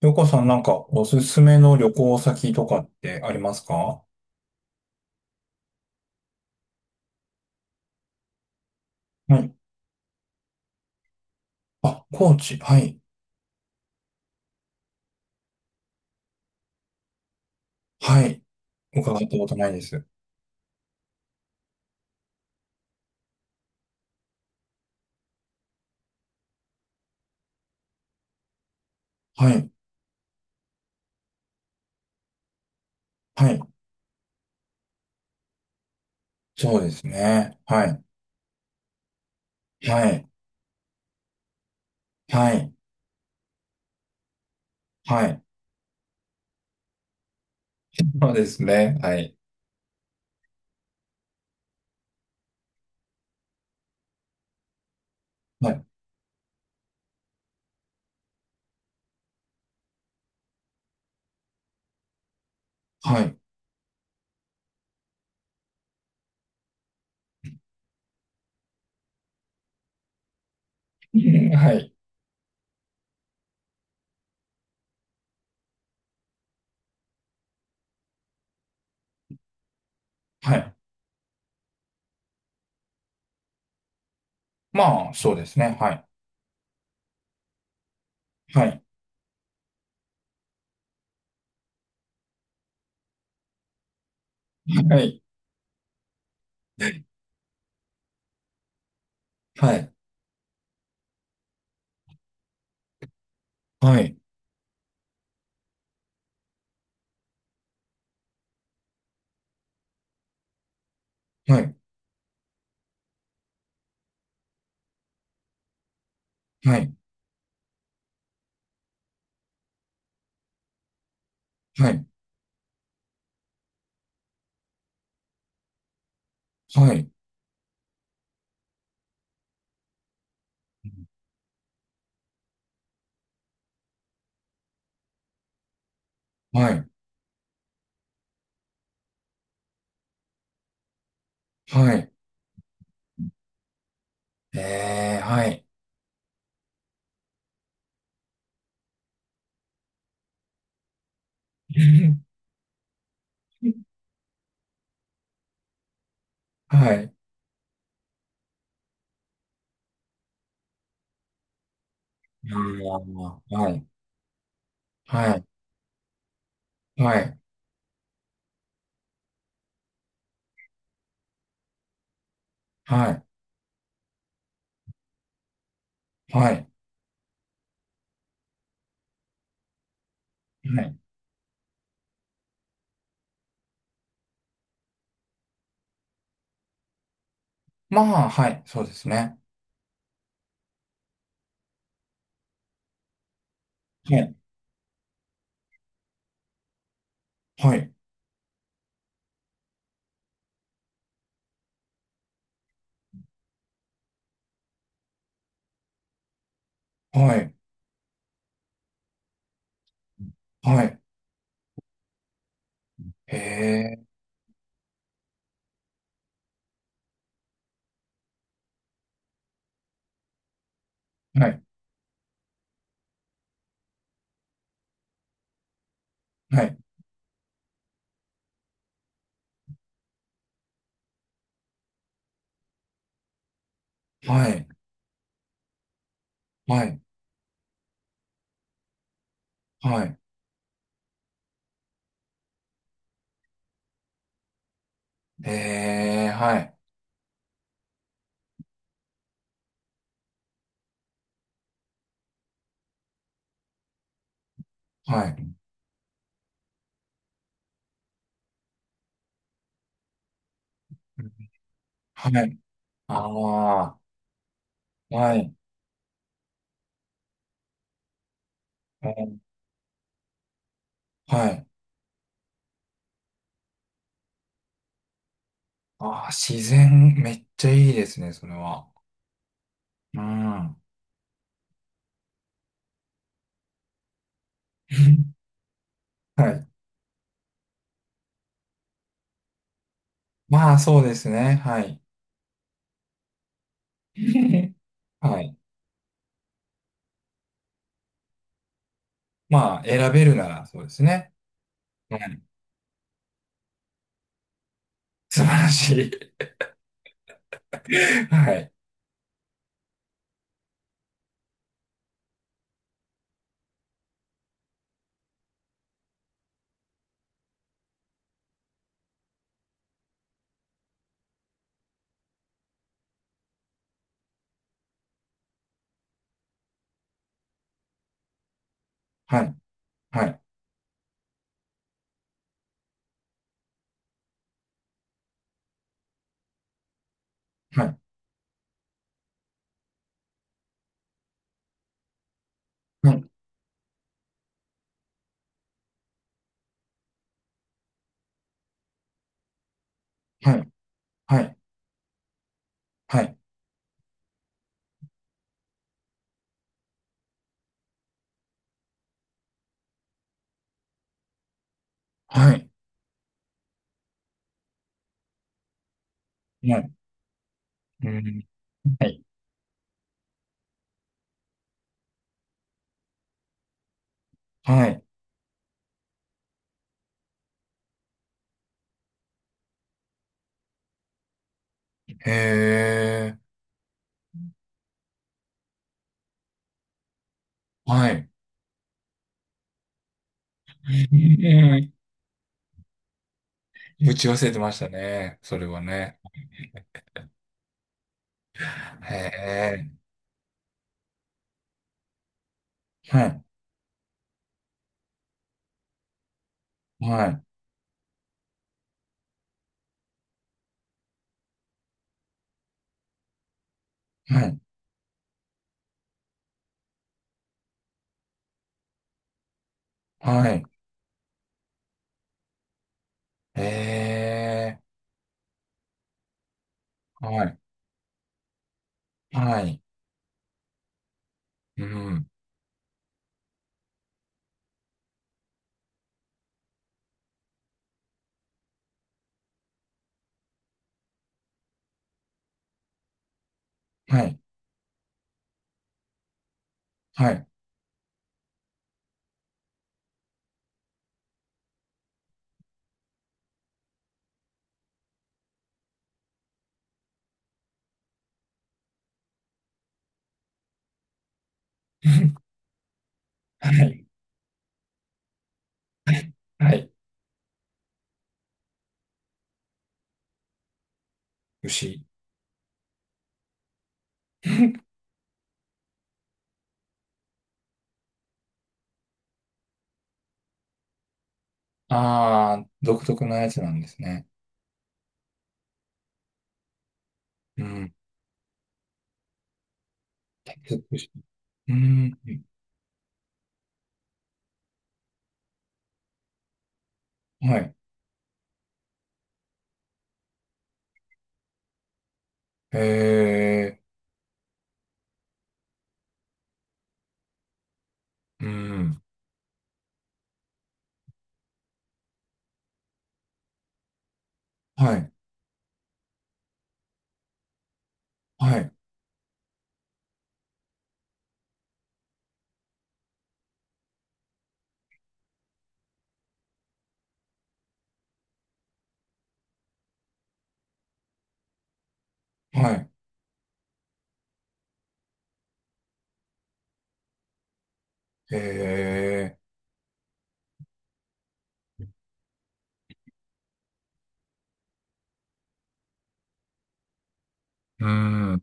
ようこさん、なんかおすすめの旅行先とかってありますか？はい。あ、高知。はい。はい。伺ったことないです。はい。はい。そうですね。はい。はい。はい。はい。そうですね。はい。はい。はい。んはい。はい。まあ、そうですね。はい。はい。はい。はい。はい。はい。はい。はい。はい。はい。はい。えー、はい。はい。あー、はい。はい。はい、はい、はい、はい。まあ、はい、そうですね。はい、はい、はい、はい。へえ、はい、はい、はい、はい、はい。へえ、はい、はい、はい。ああ、はい、はい。はい。ああ、自然、めっちゃいいですね、それは。うん。はい。まあ、そうですね。はい。はい。まあ、選べるなら、そうですね。うん。素晴らしい。はい。はい。はい、はい、はい、はい、はい、はい、はい、はい、うん、はい。はい、へえ、はい。ええ、打ち忘れてましたね、それはね。へえ、はい、はい、はい、はい、へえ、はい、はい、うん、はい、はい、はい、はい、牛。ああ、独特なやつなんですね。うん、鉄牛。うん、はい、へえ、うん。はい、はい、はい。へえ、うーん、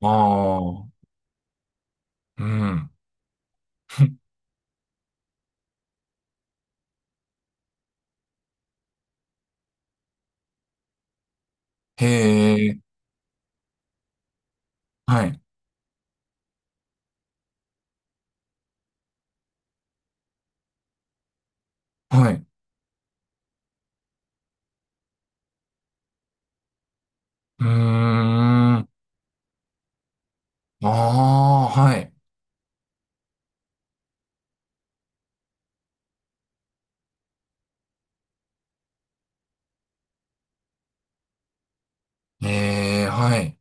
ああ、うん。へえ、はい、はい。うーん、ああ、はい。へえ、はい。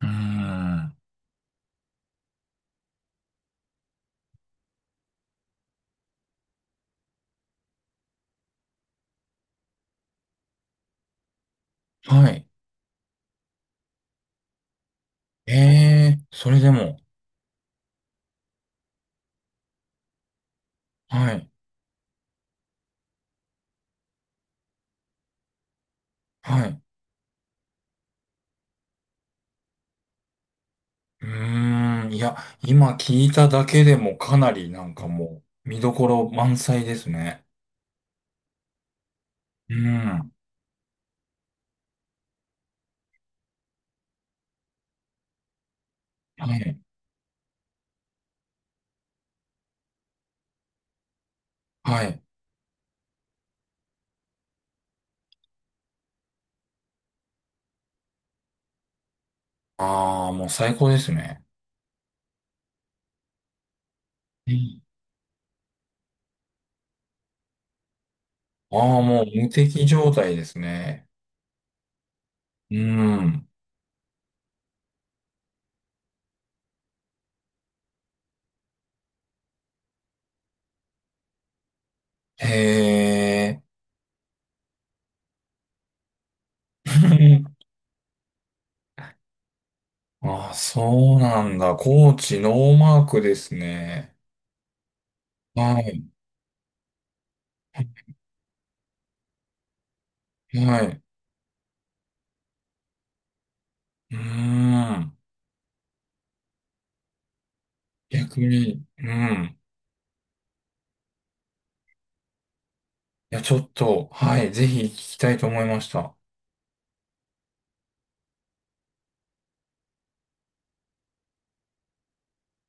うーん、はい。ええ、それでも、はい、はい。うーん、いや、今聞いただけでもかなりなんかもう、見どころ満載ですね。うん、はい、はい。ああ、もう最高ですね。うん。ああ、もう無敵状態ですね。うん。へえ。ああ、そうなんだ。高知ノーマークですね。はい。はい。うーん。逆に、うん。いや、ちょっと、はい。ぜひ聞きたいと思いました。